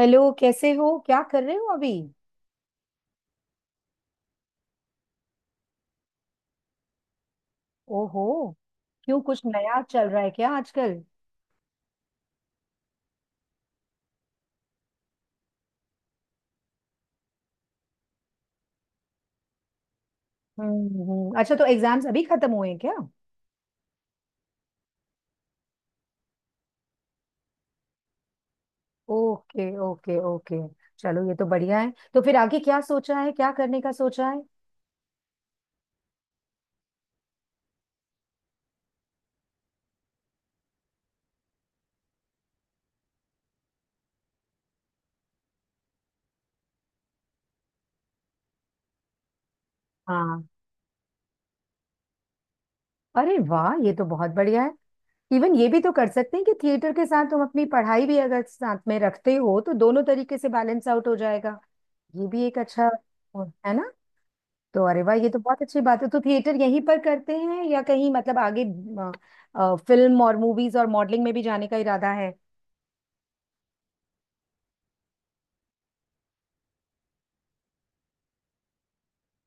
Hello, कैसे हो? क्या कर रहे हो अभी? ओहो। क्यों, कुछ नया चल रहा है क्या आजकल? अच्छा, तो एग्जाम्स अभी खत्म हुए हैं क्या? Okay okay okay. चलो, ये तो बढ़िया है। तो फिर आगे क्या सोचा है, क्या करने का सोचा है? हाँ। अरे वाह, ये तो बहुत बढ़िया है। इवन ये भी तो कर सकते हैं कि थिएटर के साथ तुम अपनी पढ़ाई भी अगर साथ में रखते हो तो दोनों तरीके से बैलेंस आउट हो जाएगा। ये भी एक अच्छा है ना। तो अरे वाह, ये तो बहुत अच्छी बात है। तो थिएटर यहीं पर करते हैं या कहीं मतलब आगे फिल्म और मूवीज और मॉडलिंग में भी जाने का इरादा है?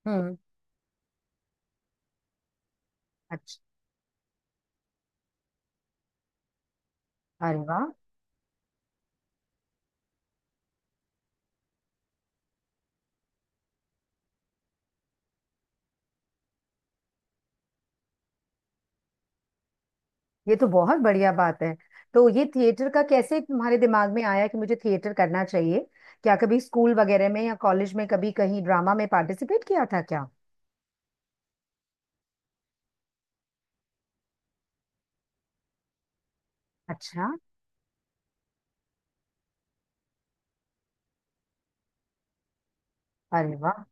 हम्म। अच्छा। अरे वाह, ये तो बहुत बढ़िया बात है। तो ये थिएटर का कैसे तुम्हारे दिमाग में आया कि मुझे थिएटर करना चाहिए? क्या कभी स्कूल वगैरह में या कॉलेज में कभी कहीं ड्रामा में पार्टिसिपेट किया था क्या? अच्छा। अरे वाह।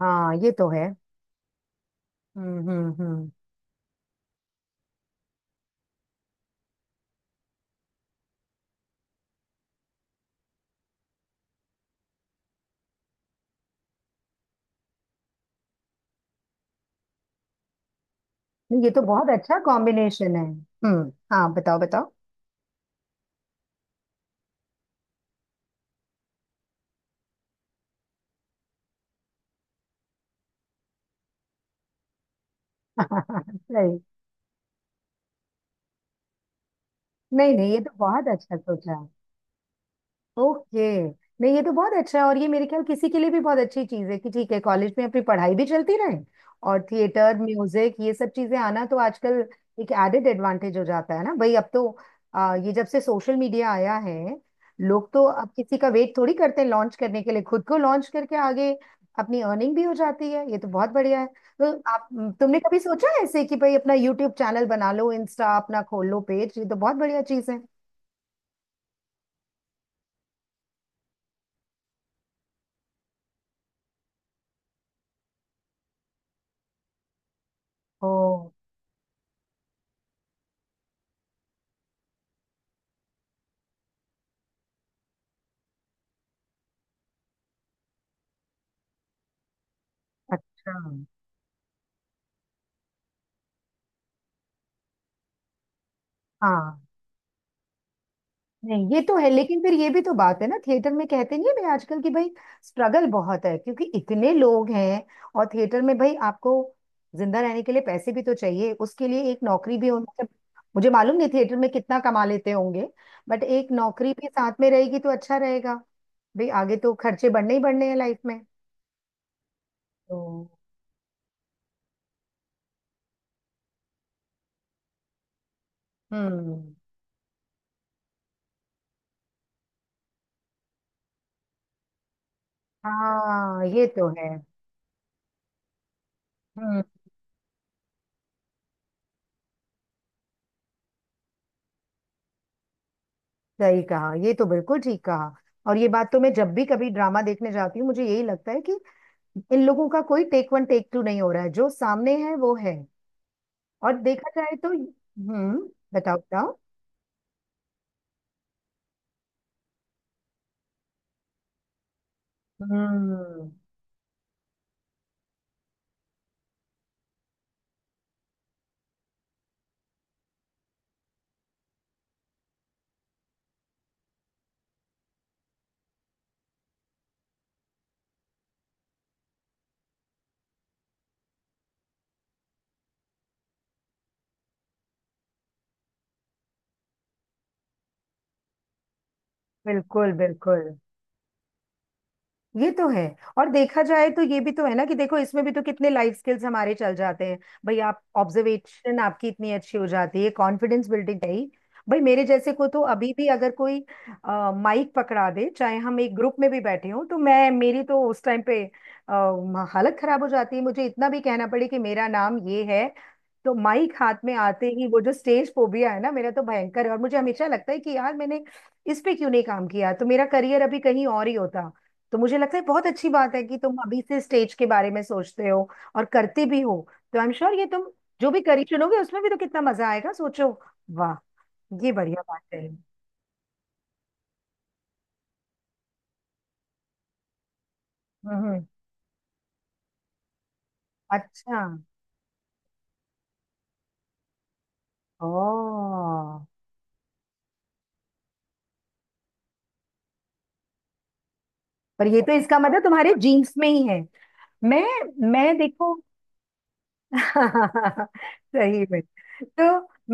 हाँ, ये तो है। हम्म हम्म हम्म नहीं, ये तो बहुत अच्छा कॉम्बिनेशन है। हम्म, हाँ, बताओ बताओ। सही। नहीं नहीं, ये तो बहुत अच्छा सोचा। ओके। नहीं, ये तो बहुत अच्छा है। और ये मेरे ख्याल किसी के लिए भी बहुत अच्छी चीज है कि ठीक है, कॉलेज में अपनी पढ़ाई भी चलती रहे और थिएटर, म्यूजिक, ये सब चीजें आना तो आजकल एक एडेड एडवांटेज हो जाता है ना भाई अब तो। ये जब से सोशल मीडिया आया है, लोग तो अब किसी का वेट थोड़ी करते हैं लॉन्च करने के लिए। खुद को लॉन्च करके आगे अपनी अर्निंग भी हो जाती है। ये तो बहुत बढ़िया है। तो आप, तुमने कभी सोचा है ऐसे कि भाई अपना यूट्यूब चैनल बना लो, इंस्टा अपना खोल लो पेज? ये तो बहुत बढ़िया चीज है। ओ। अच्छा। हाँ, नहीं ये तो है। लेकिन फिर ये भी तो बात है ना, थिएटर में कहते नहीं है भाई आजकल की भाई स्ट्रगल बहुत है क्योंकि इतने लोग हैं। और थिएटर में भाई आपको जिंदा रहने के लिए पैसे भी तो चाहिए, उसके लिए एक नौकरी भी होनी चाहिए। मुझे मालूम नहीं थिएटर में कितना कमा लेते होंगे, बट एक नौकरी भी साथ में रहेगी तो अच्छा रहेगा। भाई आगे तो खर्चे बढ़ने ही बढ़ने हैं लाइफ में। तो हम्म, हाँ, ये तो है। हम्म। सही कहा, ये तो बिल्कुल ठीक कहा। और ये बात तो मैं जब भी कभी ड्रामा देखने जाती हूँ मुझे यही लगता है कि इन लोगों का कोई टेक वन टेक टू नहीं हो रहा है, जो सामने है वो है। और देखा जाए तो हम्म, बताओ बताओ। हम्म। बिल्कुल बिल्कुल। ये तो है। और देखा जाए तो ये भी तो है ना कि देखो, इसमें भी तो कितने लाइफ स्किल्स हमारे चल जाते हैं। भाई आप, ऑब्जर्वेशन आपकी इतनी अच्छी हो जाती है, कॉन्फिडेंस बिल्डिंग है ही। भाई मेरे जैसे को तो अभी भी अगर कोई माइक पकड़ा दे, चाहे हम एक ग्रुप में भी बैठे हों, तो मैं, मेरी तो उस टाइम पे अ, हालत खराब हो जाती है मुझे इतना भी कहना पड़े कि मेरा नाम ये है। तो माइक हाथ में आते ही वो जो स्टेज फोबिया है ना, मेरा तो भयंकर है। और मुझे हमेशा लगता है कि यार मैंने इस पे क्यों नहीं काम किया, तो मेरा करियर अभी कहीं और ही होता। तो मुझे लगता है बहुत अच्छी बात है कि तुम अभी से स्टेज के बारे में सोचते हो और करते भी हो। तो आई एम श्योर ये तुम जो भी करी चुनोगे उसमें भी तो कितना मजा आएगा, सोचो। वाह, ये बढ़िया बात है। हम्म हम्म। अच्छा। ओ। पर ये तो इसका मतलब तुम्हारे जीन्स में ही है। मैं मैं देखो, सही में, तो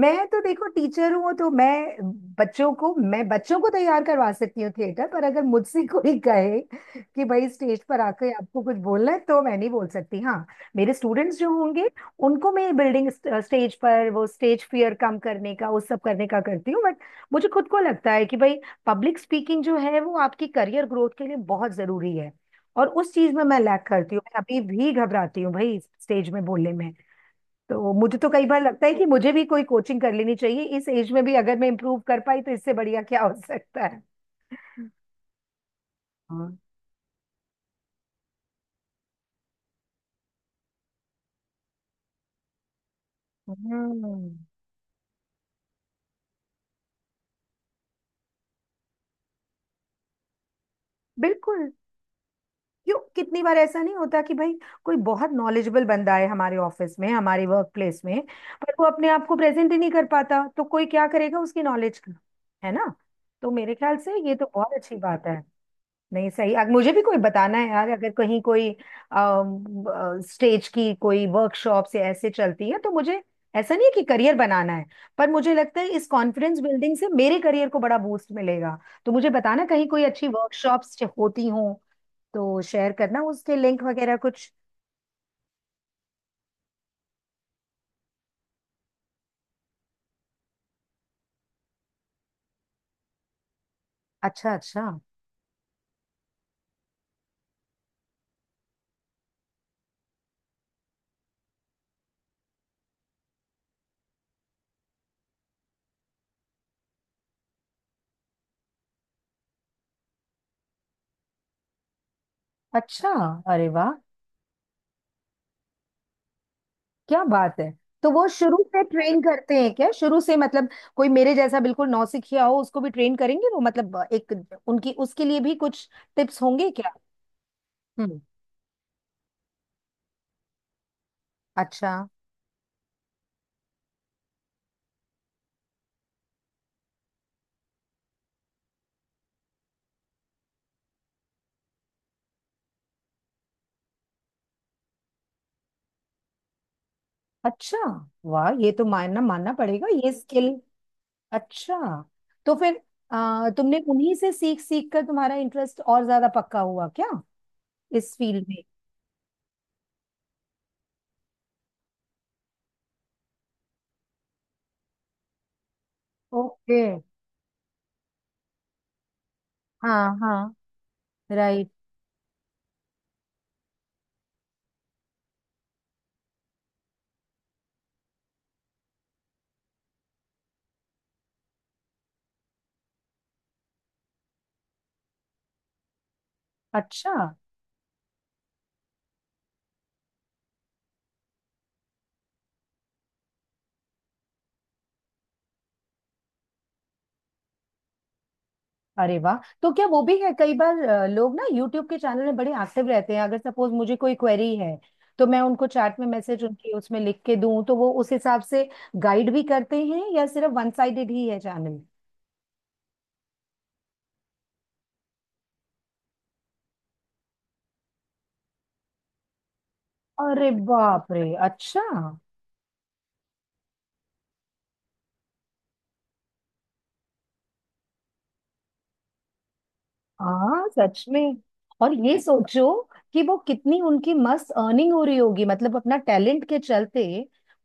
मैं तो देखो टीचर हूँ, तो मैं बच्चों को, मैं बच्चों को तैयार करवा सकती हूँ थिएटर पर, अगर मुझसे कोई कहे कि भाई स्टेज पर आके आपको कुछ बोलना है तो मैं नहीं बोल सकती। हाँ, मेरे स्टूडेंट्स जो होंगे उनको मैं बिल्डिंग, स्टेज पर वो स्टेज फियर कम करने का, उस सब करने का करती हूँ। बट मुझे खुद को लगता है कि भाई पब्लिक स्पीकिंग जो है वो आपकी करियर ग्रोथ के लिए बहुत जरूरी है, और उस चीज में मैं लैक करती हूँ। मैं अभी भी घबराती हूँ भाई स्टेज में बोलने में। तो मुझे तो कई बार लगता है कि मुझे भी कोई कोचिंग कर लेनी चाहिए, इस एज में भी अगर मैं इम्प्रूव कर पाई तो इससे बढ़िया क्या हो सकता है। हाँ। हम्म, बिल्कुल। क्यों, कितनी बार ऐसा नहीं होता कि भाई कोई बहुत नॉलेजेबल बंदा है हमारे ऑफिस में, हमारे वर्क प्लेस में, पर वो अपने आप को प्रेजेंट ही नहीं कर पाता, तो कोई क्या करेगा उसकी नॉलेज का, है ना। तो मेरे ख्याल से ये तो बहुत अच्छी बात है। नहीं, सही मुझे भी कोई बताना है यार, अगर कहीं कोई स्टेज की कोई वर्कशॉप से ऐसे चलती है तो मुझे, ऐसा नहीं है कि करियर बनाना है, पर मुझे लगता है इस कॉन्फिडेंस बिल्डिंग से मेरे करियर को बड़ा बूस्ट मिलेगा। तो मुझे बताना कहीं कोई अच्छी वर्कशॉप्स होती हों तो शेयर करना उसके लिंक वगैरह कुछ। अच्छा अच्छा। अच्छा। अरे वाह। क्या बात है। तो वो शुरू से ट्रेन करते हैं क्या, शुरू से मतलब कोई मेरे जैसा बिल्कुल नौसिखिया हो उसको भी ट्रेन करेंगे वो, मतलब एक, उनकी उसके लिए भी कुछ टिप्स होंगे क्या? हम्म। अच्छा अच्छा। वाह, ये तो मानना मानना पड़ेगा ये स्किल। अच्छा। तो फिर तुमने उन्हीं से सीख सीख कर तुम्हारा इंटरेस्ट और ज्यादा पक्का हुआ क्या इस फील्ड में? ओके। हाँ हाँ। राइट। अच्छा। अरे वाह। तो क्या वो भी है कई बार लोग ना यूट्यूब के चैनल में बड़े एक्टिव रहते हैं, अगर सपोज मुझे कोई क्वेरी है तो मैं उनको चैट में मैसेज उनके उसमें लिख के दूं तो वो उस हिसाब से गाइड भी करते हैं, या सिर्फ वन साइडेड ही है चैनल? अरे बाप रे। अच्छा। हाँ सच में। और ये सोचो कि वो कितनी उनकी मस्त अर्निंग हो रही होगी मतलब अपना टैलेंट के चलते।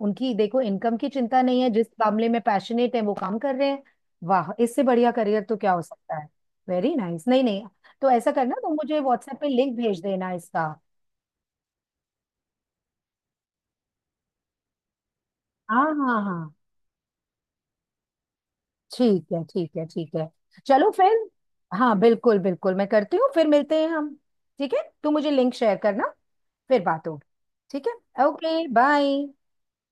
उनकी देखो इनकम की चिंता नहीं है, जिस मामले में पैशनेट है वो काम कर रहे हैं। वाह, इससे बढ़िया करियर तो क्या हो सकता है। Very nice nice। नहीं नहीं, तो ऐसा करना, तो मुझे व्हाट्सएप पे लिंक भेज देना इसका। हाँ हाँ हाँ। ठीक है ठीक है ठीक है। चलो फिर। हाँ बिल्कुल बिल्कुल, मैं करती हूँ। फिर मिलते हैं हम। ठीक है, तू मुझे लिंक शेयर करना, फिर बात होगी। ठीक है। Okay bye.